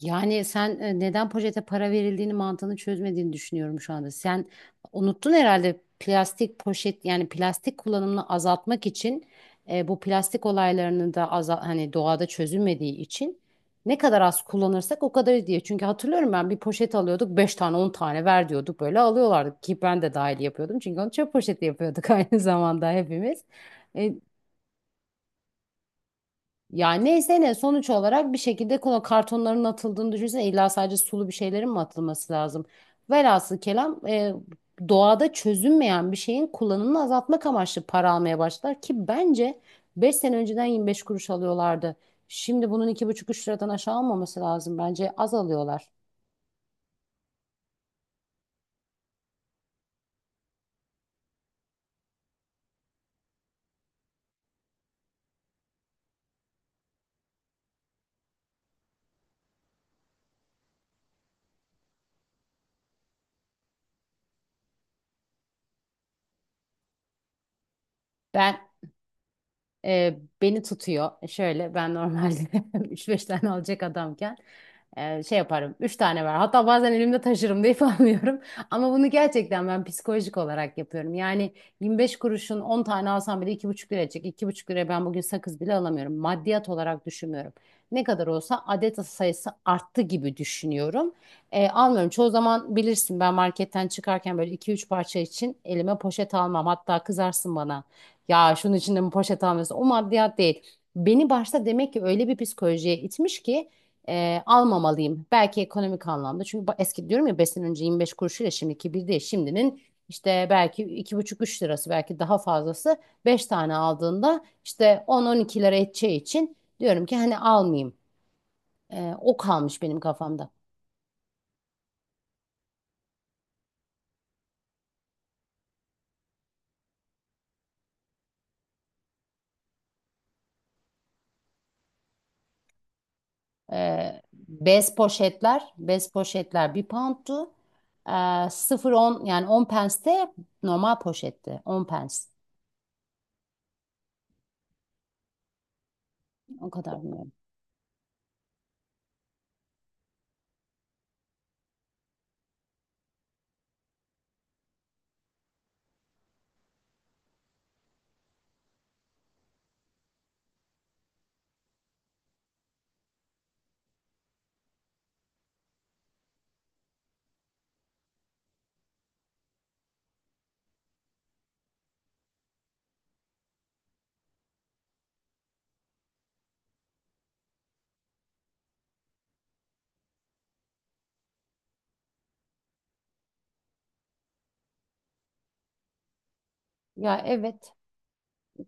Yani sen neden projete para verildiğini mantığını çözmediğini düşünüyorum şu anda. Sen unuttun herhalde plastik poşet yani plastik kullanımını azaltmak için bu plastik olaylarının da hani doğada çözülmediği için ne kadar az kullanırsak o kadar iyi diye. Çünkü hatırlıyorum ben bir poşet alıyorduk 5 tane 10 tane ver diyorduk böyle alıyorlardı ki ben de dahil yapıyordum. Çünkü onu çöp poşeti yapıyorduk aynı zamanda hepimiz. E, Ya neyse ne sonuç olarak bir şekilde kola kartonların atıldığını düşünsene illa sadece sulu bir şeylerin mi atılması lazım? Velhasıl kelam doğada çözünmeyen bir şeyin kullanımını azaltmak amaçlı para almaya başlar ki bence 5 sene önceden 25 kuruş alıyorlardı. Şimdi bunun iki buçuk üç liradan aşağı almaması lazım bence az alıyorlar. Ben, beni tutuyor. Şöyle, ben normalde üç 5 tane alacak adamken şey yaparım. Üç tane var. Hatta bazen elimde taşırım deyip almıyorum. Ama bunu gerçekten ben psikolojik olarak yapıyorum. Yani 25 kuruşun 10 tane alsam bile 2,5 lira edecek. 2,5 liraya ben bugün sakız bile alamıyorum. Maddiyat olarak düşünmüyorum. Ne kadar olsa adet sayısı arttı gibi düşünüyorum. Almıyorum. Çoğu zaman bilirsin ben marketten çıkarken böyle iki üç parça için elime poşet almam. Hatta kızarsın bana. Ya şunun içinde mi poşet almıyorsun? O maddiyat değil. Beni başta demek ki öyle bir psikolojiye itmiş ki almamalıyım. Belki ekonomik anlamda. Çünkü eski diyorum ya 5 sene önce 25 kuruşuyla şimdiki bir değil. Şimdinin işte belki iki buçuk üç lirası belki daha fazlası 5 tane aldığında işte 10-12 lira edeceği için diyorum ki hani almayayım. O kalmış benim kafamda. Bez poşetler 1 poundtu. E, 0-10 yani 10 pence de normal poşetti. On pence. O kadar bilmiyorum. Ya evet.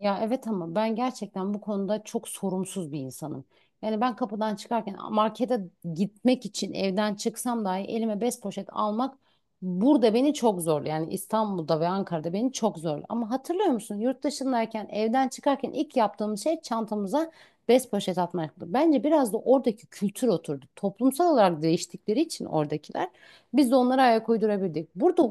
Ya evet ama ben gerçekten bu konuda çok sorumsuz bir insanım. Yani ben kapıdan çıkarken markete gitmek için evden çıksam dahi elime bez poşet almak burada beni çok zor. Yani İstanbul'da ve Ankara'da beni çok zor. Ama hatırlıyor musun yurt dışındayken evden çıkarken ilk yaptığımız şey çantamıza bez poşet atmaktı. Bence biraz da oradaki kültür oturdu. Toplumsal olarak değiştikleri için oradakiler biz de onlara ayak uydurabildik. Burada.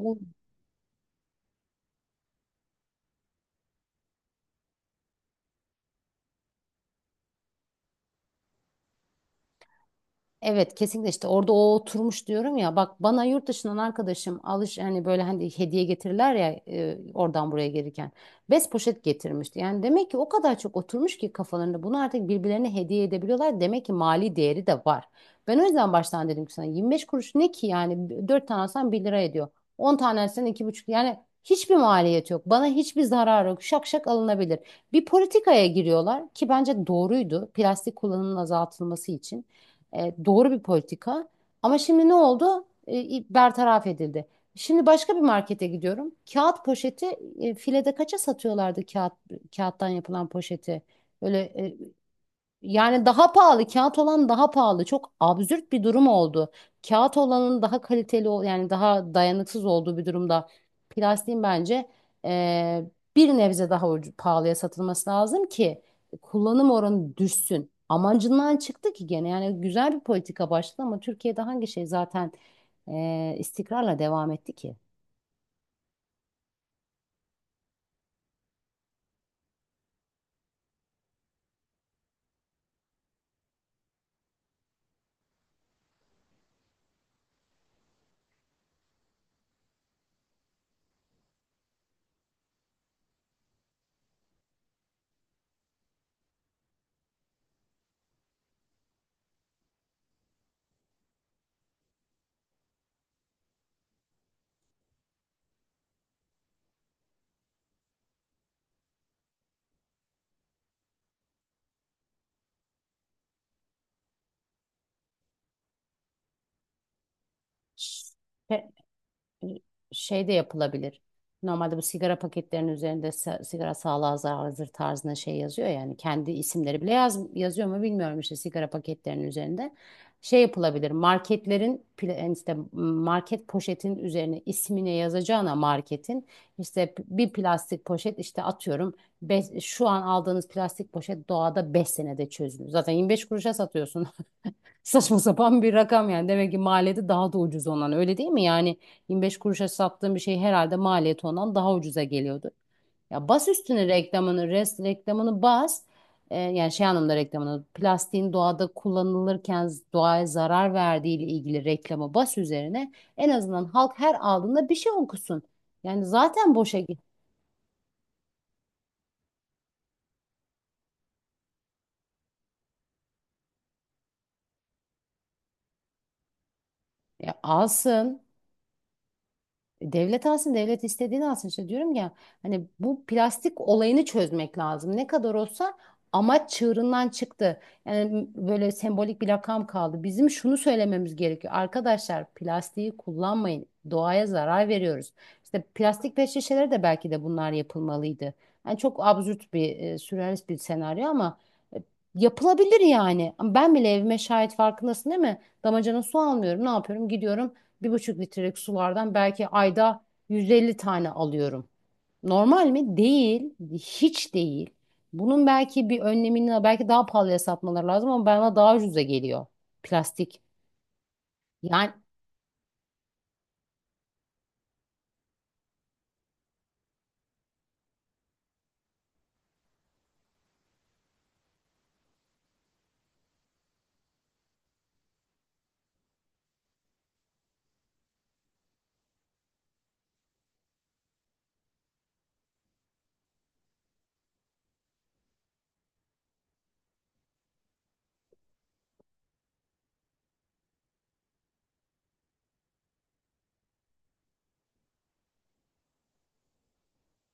Evet, kesinlikle işte orada o oturmuş diyorum ya bak bana yurt dışından arkadaşım alış hani böyle hani hediye getirirler ya oradan buraya gelirken bez poşet getirmişti. Yani demek ki o kadar çok oturmuş ki kafalarında bunu artık birbirlerine hediye edebiliyorlar. Demek ki mali değeri de var. Ben o yüzden baştan dedim ki sana 25 kuruş ne ki yani 4 tane alsan 1 lira ediyor. On tane alsan 2,5 yani hiçbir maliyet yok. Bana hiçbir zarar yok. Şak şak alınabilir. Bir politikaya giriyorlar ki bence doğruydu. Plastik kullanımının azaltılması için. Doğru bir politika. Ama şimdi ne oldu? Bertaraf edildi. Şimdi başka bir markete gidiyorum. Kağıt poşeti filede kaça satıyorlardı kağıttan yapılan poşeti? Böyle, yani daha pahalı, kağıt olan daha pahalı. Çok absürt bir durum oldu. Kağıt olanın daha kaliteli, yani daha dayanıksız olduğu bir durumda plastiğin bence eee, bir nebze daha pahalıya satılması lazım ki kullanım oranı düşsün. Amacından çıktı ki gene yani güzel bir politika başladı ama Türkiye'de hangi şey zaten istikrarla devam etti ki? Şey de yapılabilir. Normalde bu sigara paketlerinin üzerinde sigara sağlığa zararlıdır tarzında şey yazıyor yani kendi isimleri bile yazıyor mu bilmiyorum işte sigara paketlerinin üzerinde. Şey yapılabilir marketlerin yani işte market poşetin üzerine ismine yazacağına marketin işte bir plastik poşet işte atıyorum şu an aldığınız plastik poşet doğada 5 senede çözülür. Zaten 25 kuruşa satıyorsunuz. Saçma sapan bir rakam yani. Demek ki maliyeti daha da ucuz ondan. Öyle değil mi? Yani 25 kuruşa sattığım bir şey herhalde maliyeti ondan daha ucuza geliyordu. Ya bas üstüne reklamını, rest reklamını bas. Yani şey anlamda reklamını, plastiğin doğada kullanılırken doğaya zarar verdiği ile ilgili reklamı bas üzerine. En azından halk her aldığında bir şey okusun. Yani zaten boşa git. Ya alsın. Devlet alsın, devlet istediğini alsın. İşte diyorum ya hani bu plastik olayını çözmek lazım. Ne kadar olsa amaç çığırından çıktı. Yani böyle sembolik bir lakam kaldı. Bizim şunu söylememiz gerekiyor. Arkadaşlar plastiği kullanmayın. Doğaya zarar veriyoruz. İşte plastik pet şişeleri de belki de bunlar yapılmalıydı. Yani çok absürt bir, sürrealist bir senaryo ama e, yapılabilir yani. Ama ben bile evime şahit farkındasın değil mi? Damacana su almıyorum. Ne yapıyorum? Gidiyorum 1,5 litrelik sulardan belki ayda 150 tane alıyorum. Normal mi? Değil. Hiç değil. Bunun belki bir önlemini belki daha pahalıya satmaları lazım ama bana daha ucuza geliyor. Plastik. Yani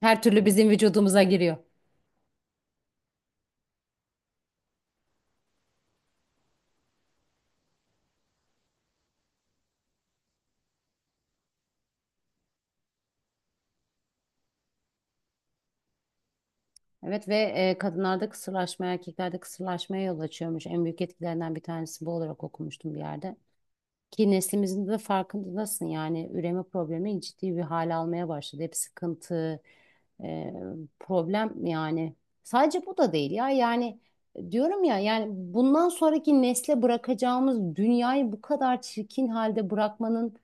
her türlü bizim vücudumuza giriyor. Evet ve kadınlarda kısırlaşma, erkeklerde kısırlaşmaya yol açıyormuş. En büyük etkilerinden bir tanesi bu olarak okumuştum bir yerde. Ki neslimizin de farkındasın yani üreme problemi ciddi bir hal almaya başladı. Hep sıkıntı, e, problem yani. Sadece bu da değil ya yani diyorum ya yani bundan sonraki nesle bırakacağımız dünyayı bu kadar çirkin halde bırakmanın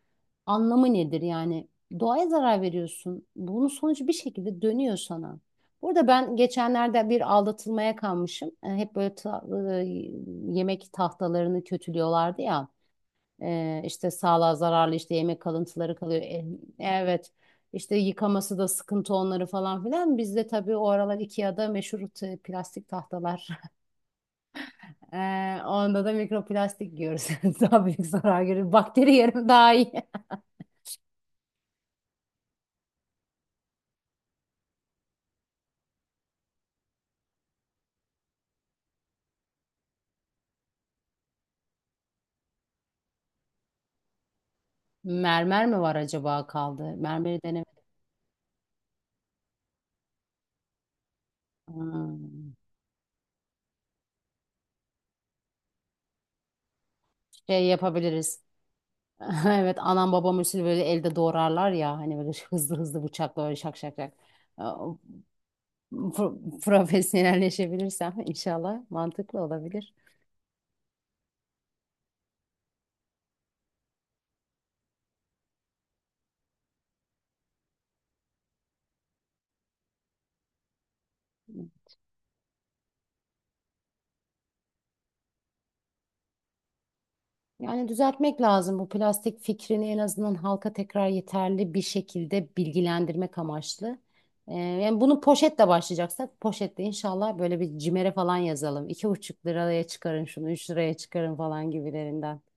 anlamı nedir yani? Doğaya zarar veriyorsun. Bunun sonucu bir şekilde dönüyor sana. Burada ben geçenlerde bir aldatılmaya kalmışım. Hep böyle e, yemek tahtalarını kötülüyorlardı ya. İşte sağlığa zararlı işte yemek kalıntıları kalıyor. Evet. İşte yıkaması da sıkıntı onları falan filan. Bizde tabii o aralar IKEA'da meşhur plastik tahtalar. Onda da mikroplastik yiyoruz. Daha büyük zarar görüyoruz. Bakteri yerim daha iyi. Mermer mi var acaba kaldı? Mermeri denemedim. Hmm. Şey yapabiliriz. Evet anam babam usulü böyle elde doğrarlar ya hani böyle hızlı hızlı bıçakla öyle şak şak şak. pro- profesyonelleşebilirsem inşallah mantıklı olabilir. Yani düzeltmek lazım bu plastik fikrini en azından halka tekrar yeterli bir şekilde bilgilendirmek amaçlı. Yani bunu poşetle başlayacaksak poşetle inşallah böyle bir cimere falan yazalım. 2,5 liraya çıkarın şunu, 3 liraya çıkarın falan gibilerinden.